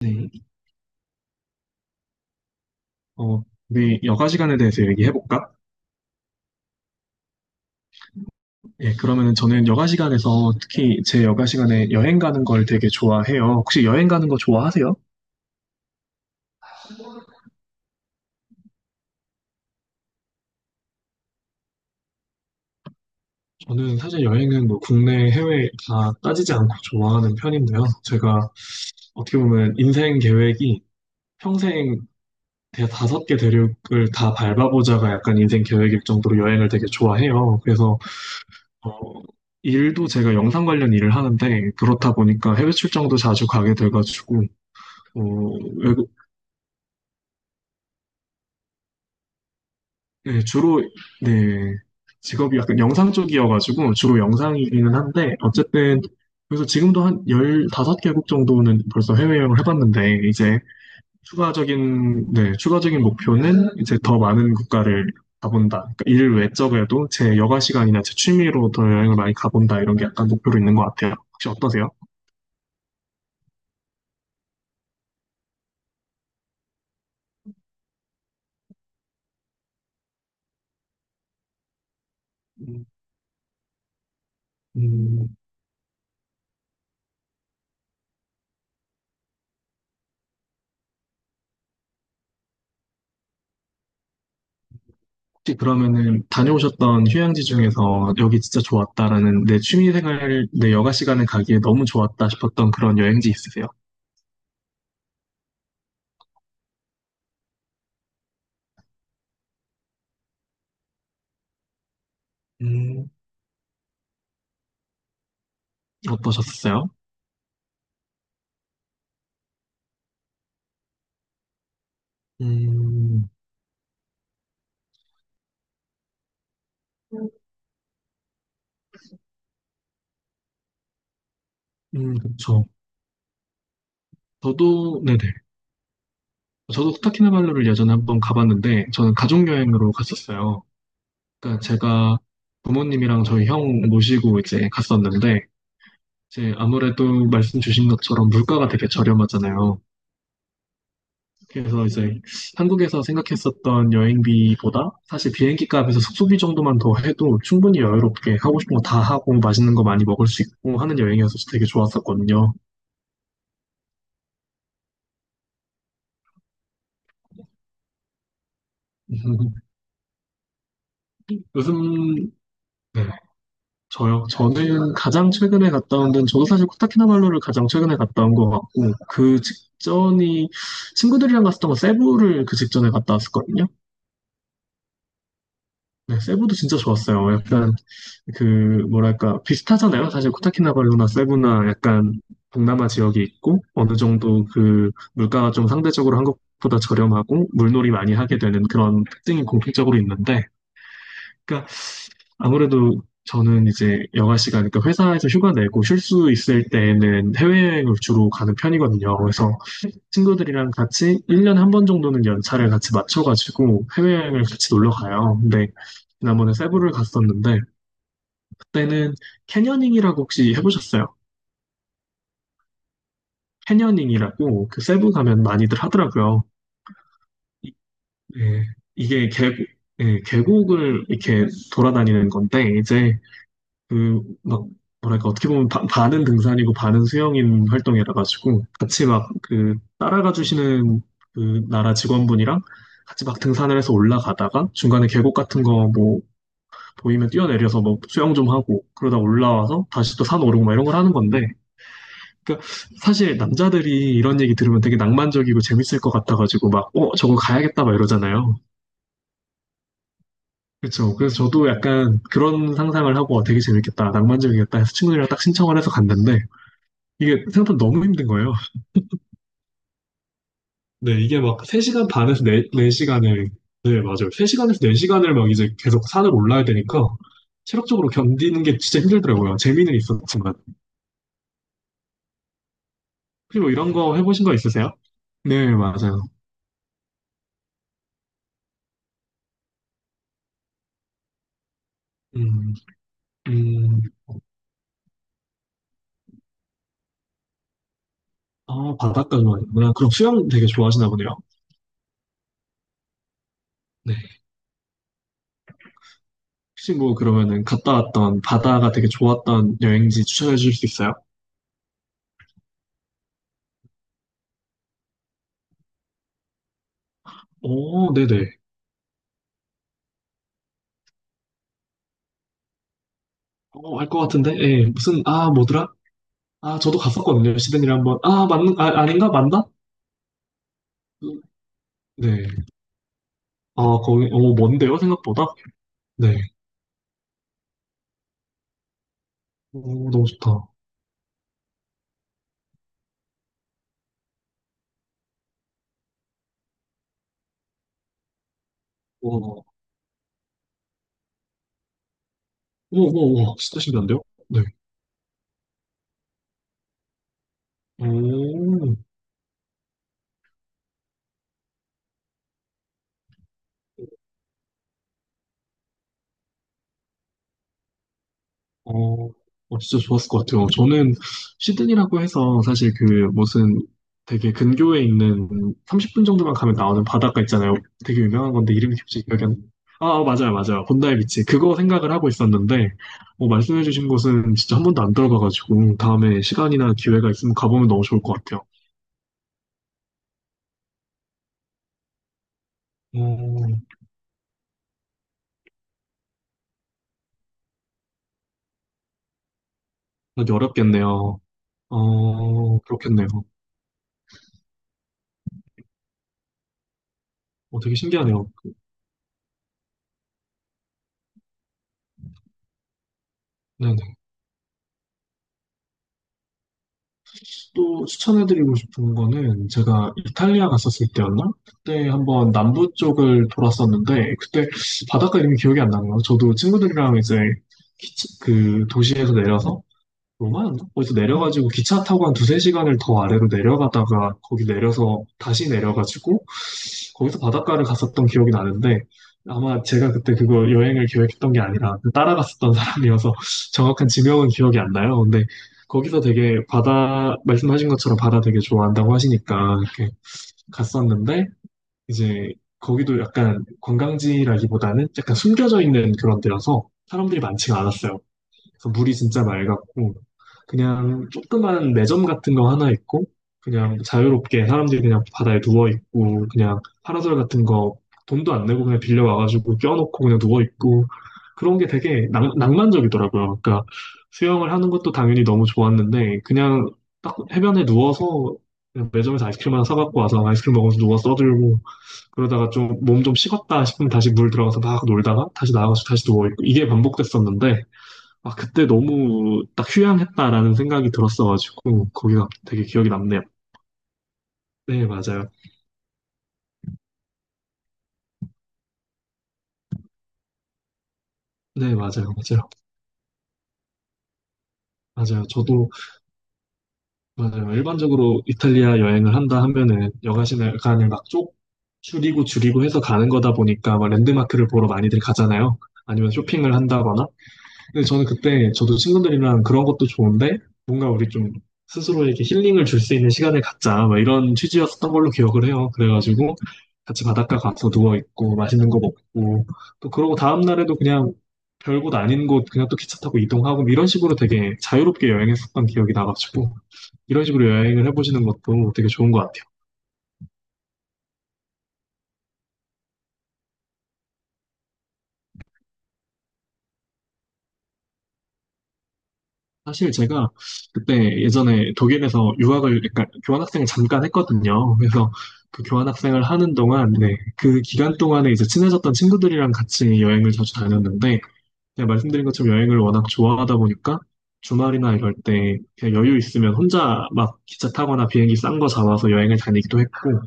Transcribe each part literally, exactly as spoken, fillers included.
네, 어, 우리 여가 시간에 대해서 얘기해볼까? 예, 그러면은 저는 여가 시간에서 특히 제 여가 시간에 여행 가는 걸 되게 좋아해요. 혹시 여행 가는 거 좋아하세요? 저는 사실 여행은 뭐 국내, 해외 다 따지지 않고 좋아하는 편인데요. 제가 어떻게 보면 인생 계획이 평생 대- 다섯 개 대륙을 다 밟아보자가 약간 인생 계획일 정도로 여행을 되게 좋아해요. 그래서 어, 일도 제가 영상 관련 일을 하는데 그렇다 보니까 해외 출장도 자주 가게 돼가지고 어, 네, 주로, 네, 직업이 약간 영상 쪽이어가지고 주로 영상이기는 한데, 어쨌든, 그래서 지금도 한 십오 개국 정도는 벌써 해외여행을 해봤는데, 이제 추가적인, 네, 추가적인 목표는 이제 더 많은 국가를 가본다. 그러니까 일 외적에도 제 여가 시간이나 제 취미로 더 여행을 많이 가본다. 이런 게 약간 목표로 있는 것 같아요. 혹시 어떠세요? 음, 혹시 그러면은 다녀오셨던 휴양지 중에서 여기 진짜 좋았다라는 내 취미생활, 내 여가 시간에 가기에 너무 좋았다 싶었던 그런 여행지 있으세요? 음, 어떠셨어요? 음, 음, 그렇죠. 저도 네네. 저도 코타키나발루를 예전에 한번 가봤는데 저는 가족 여행으로 갔었어요. 그러니까 제가 부모님이랑 저희 형 모시고 이제 갔었는데 이제 아무래도 말씀 주신 것처럼 물가가 되게 저렴하잖아요. 그래서 이제 한국에서 생각했었던 여행비보다 사실 비행기 값에서 숙소비 정도만 더 해도 충분히 여유롭게 하고 싶은 거 다 하고 맛있는 거 많이 먹을 수 있고 하는 여행이어서 되게 좋았었거든요. 요즘 네, 저요. 저는 가장 최근에 갔다 온 데는 저도 사실 코타키나발루를 가장 최근에 갔다 온 것 같고 그 직전이 친구들이랑 갔었던 거 세부를 그 직전에 갔다 왔었거든요. 네, 세부도 진짜 좋았어요. 약간 그 뭐랄까 비슷하잖아요. 사실 코타키나발루나 세부나 약간 동남아 지역이 있고 어느 정도 그 물가가 좀 상대적으로 한국보다 저렴하고 물놀이 많이 하게 되는 그런 특징이 공통적으로 있는데, 그러니까 아무래도 저는 이제 여가 시간, 그러니까 회사에서 휴가 내고 쉴 수 있을 때에는 해외여행을 주로 가는 편이거든요. 그래서 친구들이랑 같이 일 년에 한 번 정도는 연차를 같이 맞춰가지고 해외여행을 같이 놀러 가요. 근데 지난번에 세부를 갔었는데 때는 캐녀닝이라고 혹시 해보셨어요? 캐녀닝이라고 그 세부 가면 많이들 하더라고요. 이- 네. 이게 계곡, 예, 계곡을 이렇게 돌아다니는 건데 이제 그 막 뭐랄까 어떻게 보면 바- 반은 등산이고 반은 수영인 활동이라 가지고 같이 막 그 따라가 주시는 그 나라 직원분이랑 같이 막 등산을 해서 올라가다가 중간에 계곡 같은 거 뭐 보이면 뛰어내려서 뭐 수영 좀 하고 그러다 올라와서 다시 또 산 오르고 막 이런 걸 하는 건데 그러니까 사실 남자들이 이런 얘기 들으면 되게 낭만적이고 재밌을 것 같아가지고 막, 어, 저거 가야겠다 막 이러잖아요. 그렇죠. 그래서 저도 약간 그런 상상을 하고 어, 되게 재밌겠다, 낭만적이겠다 해서 친구들이랑 딱 신청을 해서 갔는데 이게 생각보다 너무 힘든 거예요. 네, 이게 막 세 시간 반에서 네, 네시간을 네, 맞아요. 세 시간에서 네 시간을 막 이제 계속 산을 올라야 되니까 체력적으로 견디는 게 진짜 힘들더라고요. 재미는 있었지만. 혹시 뭐 이런 거 해보신 거 있으세요? 네, 맞아요. 음, 음. 아, 바닷가 좋아하시구나. 그럼 수영 되게 좋아하시나 보네요. 네. 혹시 뭐 그러면은 갔다 왔던 바다가 되게 좋았던 여행지 추천해 주실 수 있어요? 오, 네네. 어, 알 것 같은데? 예, 무슨, 아, 뭐더라? 아, 저도 갔었거든요. 시드니를 한번. 아, 맞는, 아, 아닌가? 맞나? 음, 네. 아, 거기, 어, 먼데요? 생각보다? 네. 오, 너무 좋다. 우와, 우와, 우와, 우와. 진짜 신기한데요? 네. 오. 어, 어, 진짜 좋았을 것 같아요. 저는 시드니라고 해서 사실 그 무슨 되게 근교에 있는 삼십 분 정도만 가면 나오는 바닷가 있잖아요. 되게 유명한 건데 이름이 갑자기 기억이 안 나. 아, 아, 맞아요, 맞아요. 본다이 비치. 그거 생각을 하고 있었는데, 어, 말씀해주신 곳은 진짜 한 번도 안 들어가가지고 다음에 시간이나 기회가 있으면 가보면 너무 좋을 것 같아요. 어, 근데 어렵겠네요. 어, 그렇겠네요. 어, 되게 신기하네요. 또 추천해드리고 싶은 거는 제가 이탈리아 갔었을 때였나? 그때 한번 남부 쪽을 돌았었는데 그때 바닷가 이름이 기억이 안 나네요. 저도 친구들이랑 이제 기차- 그 도시에서 내려서 로마였나? 거기서 내려가지고 기차 타고 한 두세 시간을 더 아래로 내려가다가 거기 내려서 다시 내려가지고 거기서 바닷가를 갔었던 기억이 나는데 아마 제가 그때 그거 여행을 계획했던 게 아니라 그 따라갔었던 사람이어서 정확한 지명은 기억이 안 나요. 근데 거기서 되게 바다, 말씀하신 것처럼 바다 되게 좋아한다고 하시니까 이렇게 갔었는데 이제 거기도 약간 관광지라기보다는 약간 숨겨져 있는 그런 데여서 사람들이 많지가 않았어요. 그래서 물이 진짜 맑았고 그냥 조그만 매점 같은 거 하나 있고 그냥 자유롭게 사람들이 그냥 바다에 누워 있고 그냥 파라솔 같은 거 돈도 안 내고 그냥 빌려 와가지고 껴놓고 그냥 누워 있고 그런 게 되게 낭, 낭만적이더라고요. 그러니까 수영을 하는 것도 당연히 너무 좋았는데 그냥 딱 해변에 누워서 그냥 매점에서 아이스크림 하나 사갖고 와서 아이스크림 먹으면서 누워 써들고 그러다가 좀 몸 좀 식었다 싶으면 다시 물 들어가서 막 놀다가 다시 나와가지고 다시 누워있고 이게 반복됐었는데 아, 그때 너무 딱 휴양했다라는 생각이 들었어가지고, 거기가 되게 기억이 남네요. 네, 맞아요. 네, 맞아요. 맞아요. 맞아요. 저도, 맞아요. 일반적으로 이탈리아 여행을 한다 하면은, 여가시간을 막쪽 줄이고 줄이고 해서 가는 거다 보니까, 막 랜드마크를 보러 많이들 가잖아요. 아니면 쇼핑을 한다거나, 근데 저는 그때 저도 친구들이랑 그런 것도 좋은데 뭔가 우리 좀 스스로에게 힐링을 줄 수 있는 시간을 갖자 막 이런 취지였던 걸로 기억을 해요. 그래가지고 같이 바닷가 가서 누워 있고 맛있는 거 먹고 또 그러고 다음 날에도 그냥 별곳 아닌 곳 그냥 또 기차 타고 이동하고 뭐 이런 식으로 되게 자유롭게 여행했었던 기억이 나가지고 이런 식으로 여행을 해보시는 것도 되게 좋은 것 같아요. 사실 제가 그때 예전에 독일에서 유학을, 그러니까 교환학생을 잠깐 했거든요. 그래서 그 교환학생을 하는 동안, 네, 그 기간 동안에 이제 친해졌던 친구들이랑 같이 여행을 자주 다녔는데, 제가 말씀드린 것처럼 여행을 워낙 좋아하다 보니까 주말이나 이럴 때 그냥 여유 있으면 혼자 막 기차 타거나 비행기 싼 거 잡아서 여행을 다니기도 했고,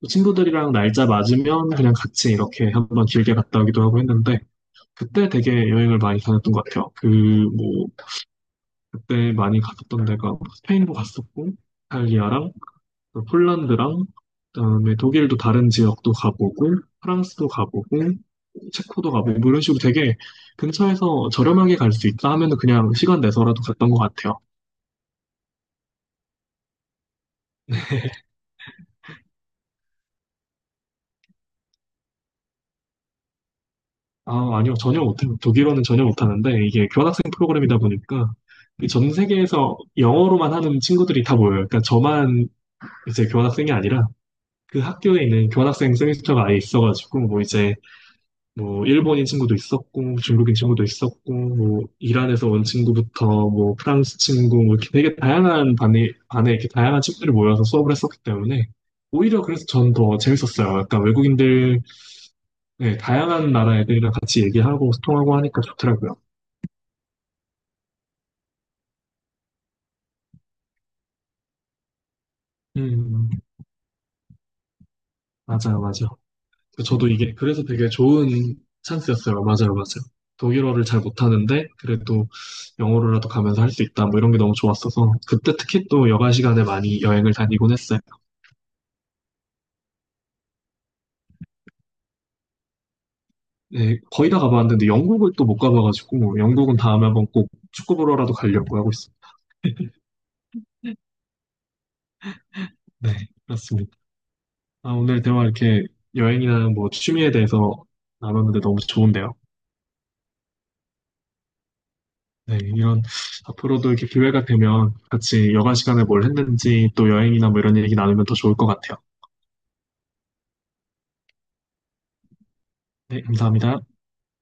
또 친구들이랑 날짜 맞으면 그냥 같이 이렇게 한번 길게 갔다 오기도 하고 했는데, 그때 되게 여행을 많이 다녔던 것 같아요. 그, 뭐, 그때 많이 갔었던 데가 스페인도 갔었고, 이탈리아랑 그 폴란드랑 그다음에 독일도 다른 지역도 가보고, 프랑스도 가보고, 체코도 가보고 뭐 이런 식으로 되게 근처에서 저렴하게 갈 수 있다 하면은 그냥 시간 내서라도 갔던 것 같아요. 아, 아니요. 전혀 못해요. 독일어는 전혀 못하는데 이게 교환학생 프로그램이다 보니까 이전 세계에서 영어로만 하는 친구들이 다 모여요. 그러니까 저만 이제 교환학생이 아니라 그 학교에 있는 교환학생 세미스터가 아예 있어가지고 뭐 이제 뭐 일본인 친구도 있었고 중국인 친구도 있었고 뭐 이란에서 온 친구부터 뭐 프랑스 친구 뭐 이렇게 되게 다양한 반에 반에 이렇게 다양한 친구들이 모여서 수업을 했었기 때문에 오히려 그래서 전 더 재밌었어요. 약간 외국인들 네, 다양한 나라 애들이랑 같이 얘기하고 소통하고 하니까 좋더라고요. 음 맞아요 맞아요. 저도 이게 그래서 되게 좋은 찬스였어요. 맞아요, 맞아요. 독일어를 잘 못하는데 그래도 영어로라도 가면서 할 수 있다. 뭐 이런 게 너무 좋았어서 그때 특히 또 여가 시간에 많이 여행을 다니곤 했어요. 네, 거의 다 가봤는데 영국을 또 못 가봐가지고 영국은 다음에 한번 꼭 축구 보러라도 가려고 하고 있어요. 네, 그렇습니다. 아, 오늘 대화 이렇게 여행이나 뭐 취미에 대해서 나눴는데 너무 좋은데요. 네, 이런 앞으로도 이렇게 기회가 되면 같이 여가 시간에 뭘 했는지 또 여행이나 뭐 이런 얘기 나누면 더 좋을 것 같아요. 네, 감사합니다.